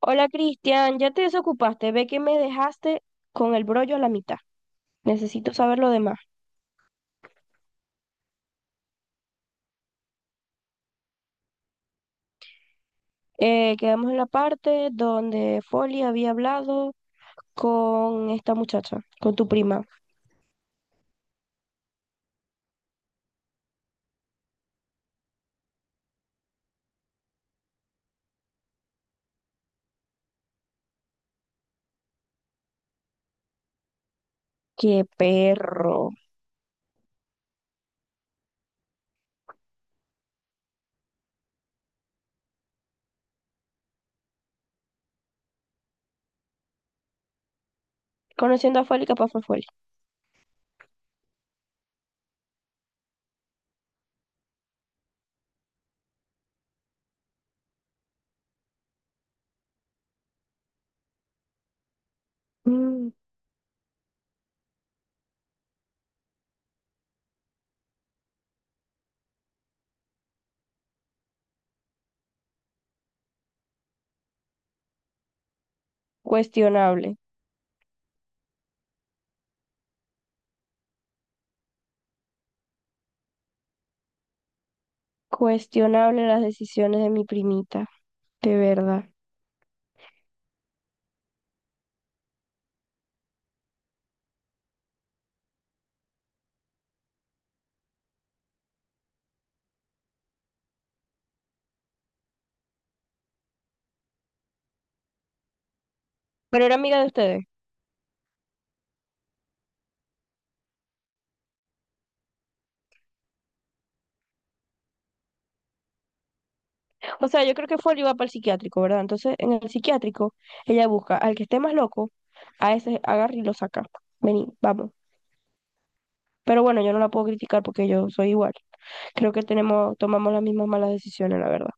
Hola Cristian, ya te desocupaste, ve que me dejaste con el brollo a la mitad. Necesito saber lo demás. Quedamos en la parte donde Folly había hablado con esta muchacha, con tu prima. ¡Qué perro! Conociendo a Folly, capaz fue Folly. Mm, cuestionable, cuestionable las decisiones de mi primita, de verdad. Pero era amiga de ustedes. O sea, yo creo que fue él iba para el psiquiátrico, ¿verdad? Entonces, en el psiquiátrico, ella busca al que esté más loco, a ese agarra y lo saca. Vení, vamos. Pero bueno, yo no la puedo criticar porque yo soy igual. Creo que tenemos, tomamos las mismas malas decisiones, la verdad.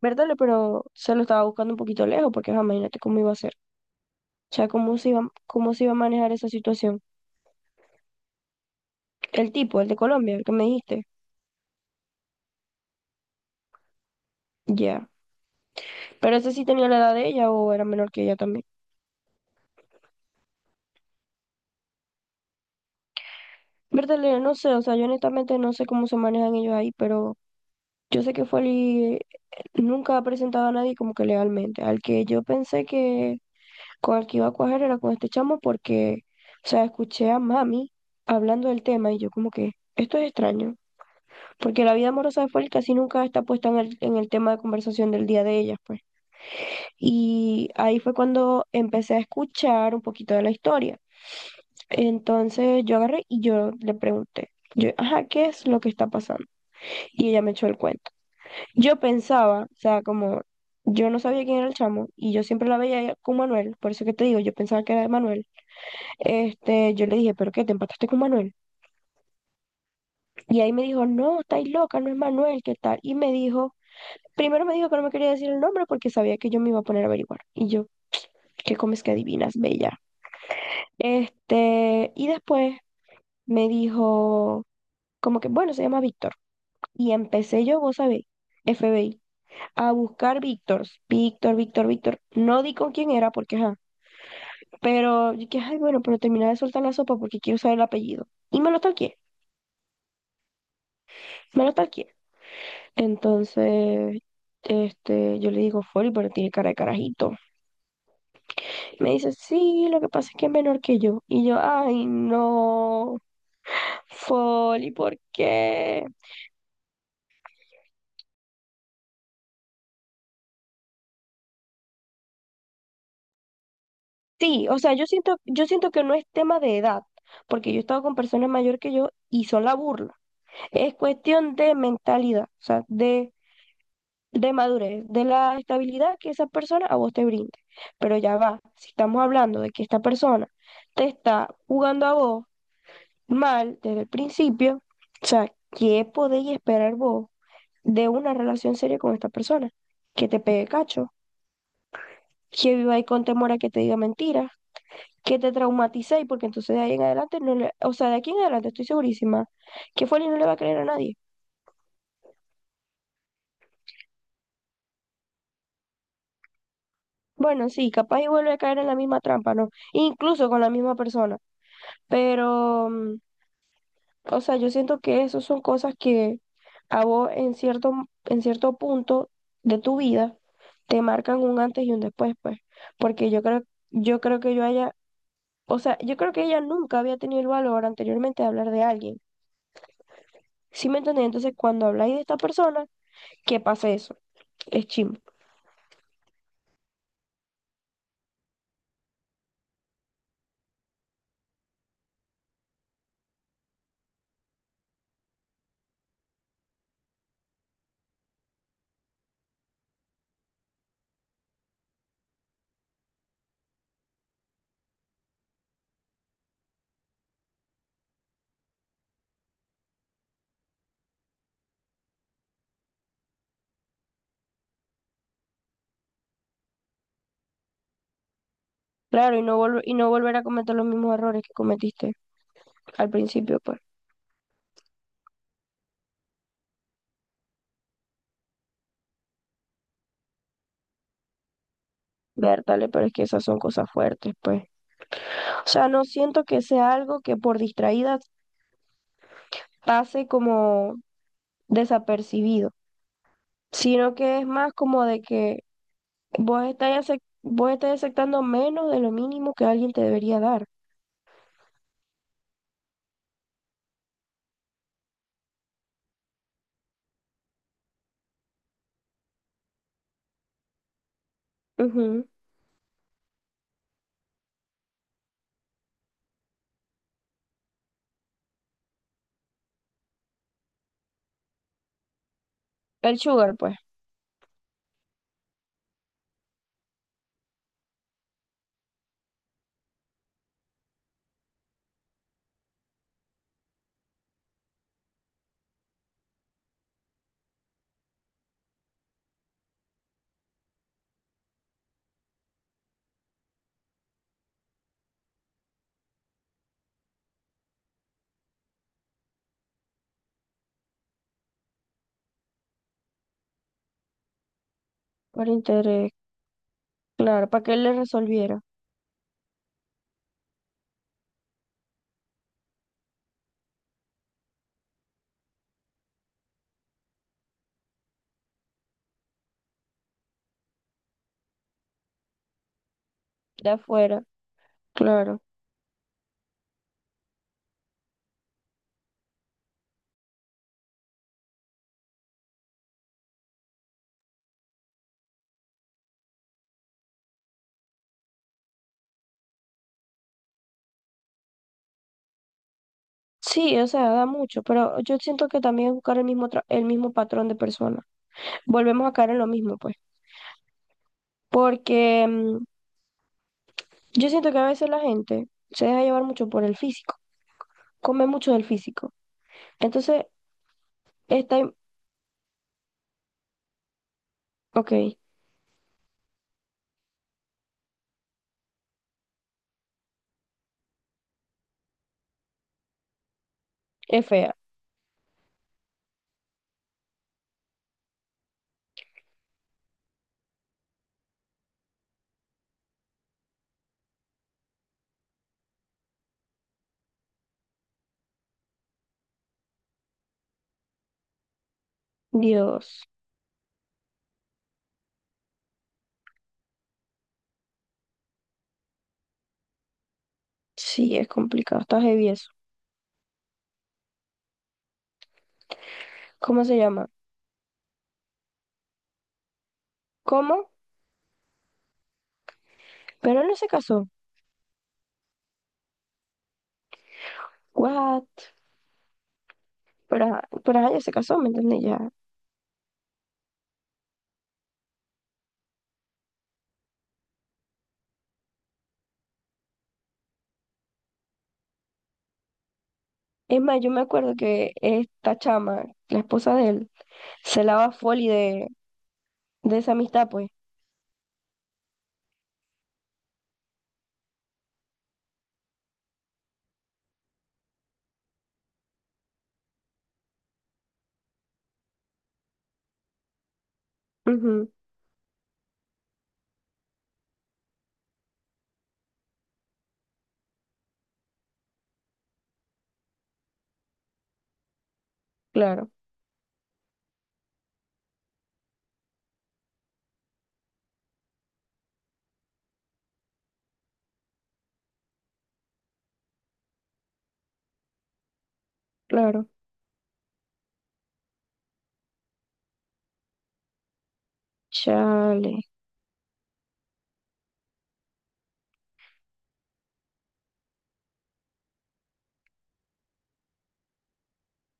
Verdad, pero se lo estaba buscando un poquito lejos porque ajá, imagínate cómo iba a ser. O sea, cómo se iba a manejar esa situación. El tipo, el de Colombia, el que me dijiste. Ya. Pero ese sí tenía la edad de ella o era menor que ella también. Bertale, no sé, o sea, yo honestamente no sé cómo se manejan ellos ahí, pero yo sé que Foley nunca ha presentado a nadie como que legalmente. Al que yo pensé que con el que iba a cuajar era con este chamo porque, o sea, escuché a mami hablando del tema y yo como que, esto es extraño, porque la vida amorosa de Foley casi nunca está puesta en en el tema de conversación del día de ellas, pues. Y ahí fue cuando empecé a escuchar un poquito de la historia. Entonces yo agarré y yo le pregunté, yo, ajá, ¿qué es lo que está pasando? Y ella me echó el cuento. Yo pensaba, o sea, como yo no sabía quién era el chamo y yo siempre la veía con Manuel, por eso que te digo, yo pensaba que era de Manuel. Este, yo le dije, ¿pero qué? ¿Te empataste con Manuel? Y ahí me dijo, no, estáis loca, no es Manuel, ¿qué tal? Y me dijo, primero me dijo que no me quería decir el nombre porque sabía que yo me iba a poner a averiguar. Y yo, ¿qué comes que adivinas, bella? Este, y después me dijo, como que, bueno, se llama Víctor. Y empecé yo, vos sabéis, FBI, a buscar Víctor, Víctor, Víctor, Víctor. No di con quién era porque, ajá. Pero yo dije, ay, bueno, pero terminé de soltar la sopa porque quiero saber el apellido. Y me lo talqué, me lo talqué. Entonces, este, yo le digo, Fori, pero tiene cara de carajito. Me dice, sí, lo que pasa es que es menor que yo. Y yo, ay, no, Foli, ¿por qué? Sí, o sea, yo siento que no es tema de edad, porque yo he estado con personas mayor que yo y son la burla. Es cuestión de mentalidad, o sea, de madurez, de la estabilidad que esa persona a vos te brinde. Pero ya va, si estamos hablando de que esta persona te está jugando a vos mal desde el principio, o sea, ¿qué podéis esperar vos de una relación seria con esta persona? Que te pegue cacho, que viva ahí con temor a que te diga mentiras que te traumaticéis, porque entonces de ahí en adelante, no le, o sea, de aquí en adelante estoy segurísima que Foley no le va a creer a nadie. Bueno, sí, capaz y vuelve a caer en la misma trampa, ¿no? Incluso con la misma persona. Pero, o sea, yo siento que eso son cosas que a vos en cierto punto de tu vida te marcan un antes y un después, pues. Porque yo creo que yo haya, o sea, yo creo que ella nunca había tenido el valor anteriormente de hablar de alguien. ¿Sí me entendés? Entonces, cuando habláis de esta persona, ¿qué pasa eso? Es chimbo. Claro, y no volver a cometer los mismos errores que cometiste al principio, pues. Vértale, pero es que esas son cosas fuertes, pues. O sea, no siento que sea algo que por distraída pase como desapercibido, sino que es más como de que vos estás, acep- vos estás aceptando menos de lo mínimo que alguien te debería dar. Ujú. El sugar, pues, por interés, claro, para que él le resolviera de afuera, claro. Sí, o sea, da mucho, pero yo siento que también es buscar el mismo, tra- el mismo patrón de persona. Volvemos a caer en lo mismo, pues. Porque yo siento que a veces la gente se deja llevar mucho por el físico, come mucho del físico. Entonces, está, im- ok, es fea. Dios, sí, es complicado, está heavy eso. ¿Cómo se llama? ¿Cómo? Pero él no se casó. What? Pero, ajá- pero ella se casó, ¿me entiendes? ¿Ya? Es más, yo me acuerdo que esta chama, la esposa de él, se lava foli de esa amistad, pues. Ujú, claro, claro. Chale.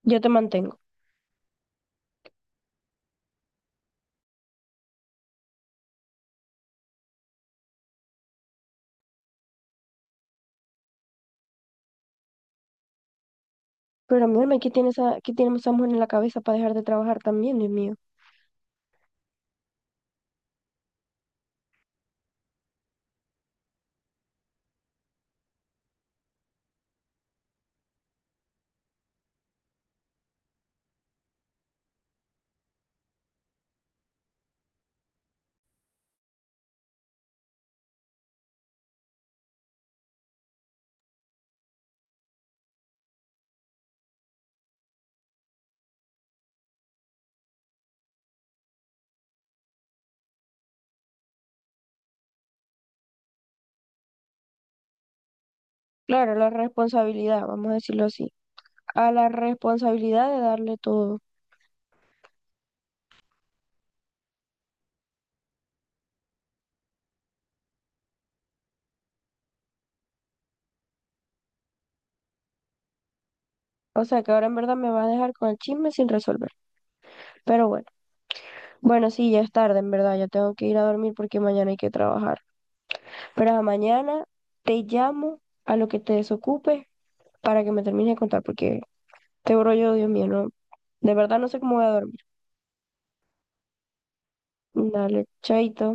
Yo te mantengo. Pero mírame, qué tiene esa mujer en la cabeza para dejar de trabajar también, Dios mío? Claro, la responsabilidad, vamos a decirlo así. A la responsabilidad de darle todo. O sea que ahora en verdad me va a dejar con el chisme sin resolver. Pero bueno, bueno, sí, ya es tarde, en verdad. Ya tengo que ir a dormir porque mañana hay que trabajar. Para mañana te llamo a lo que te desocupe para que me termines de contar, porque te brollo, Dios mío, no, de verdad no sé cómo voy a dormir. Dale, chaito.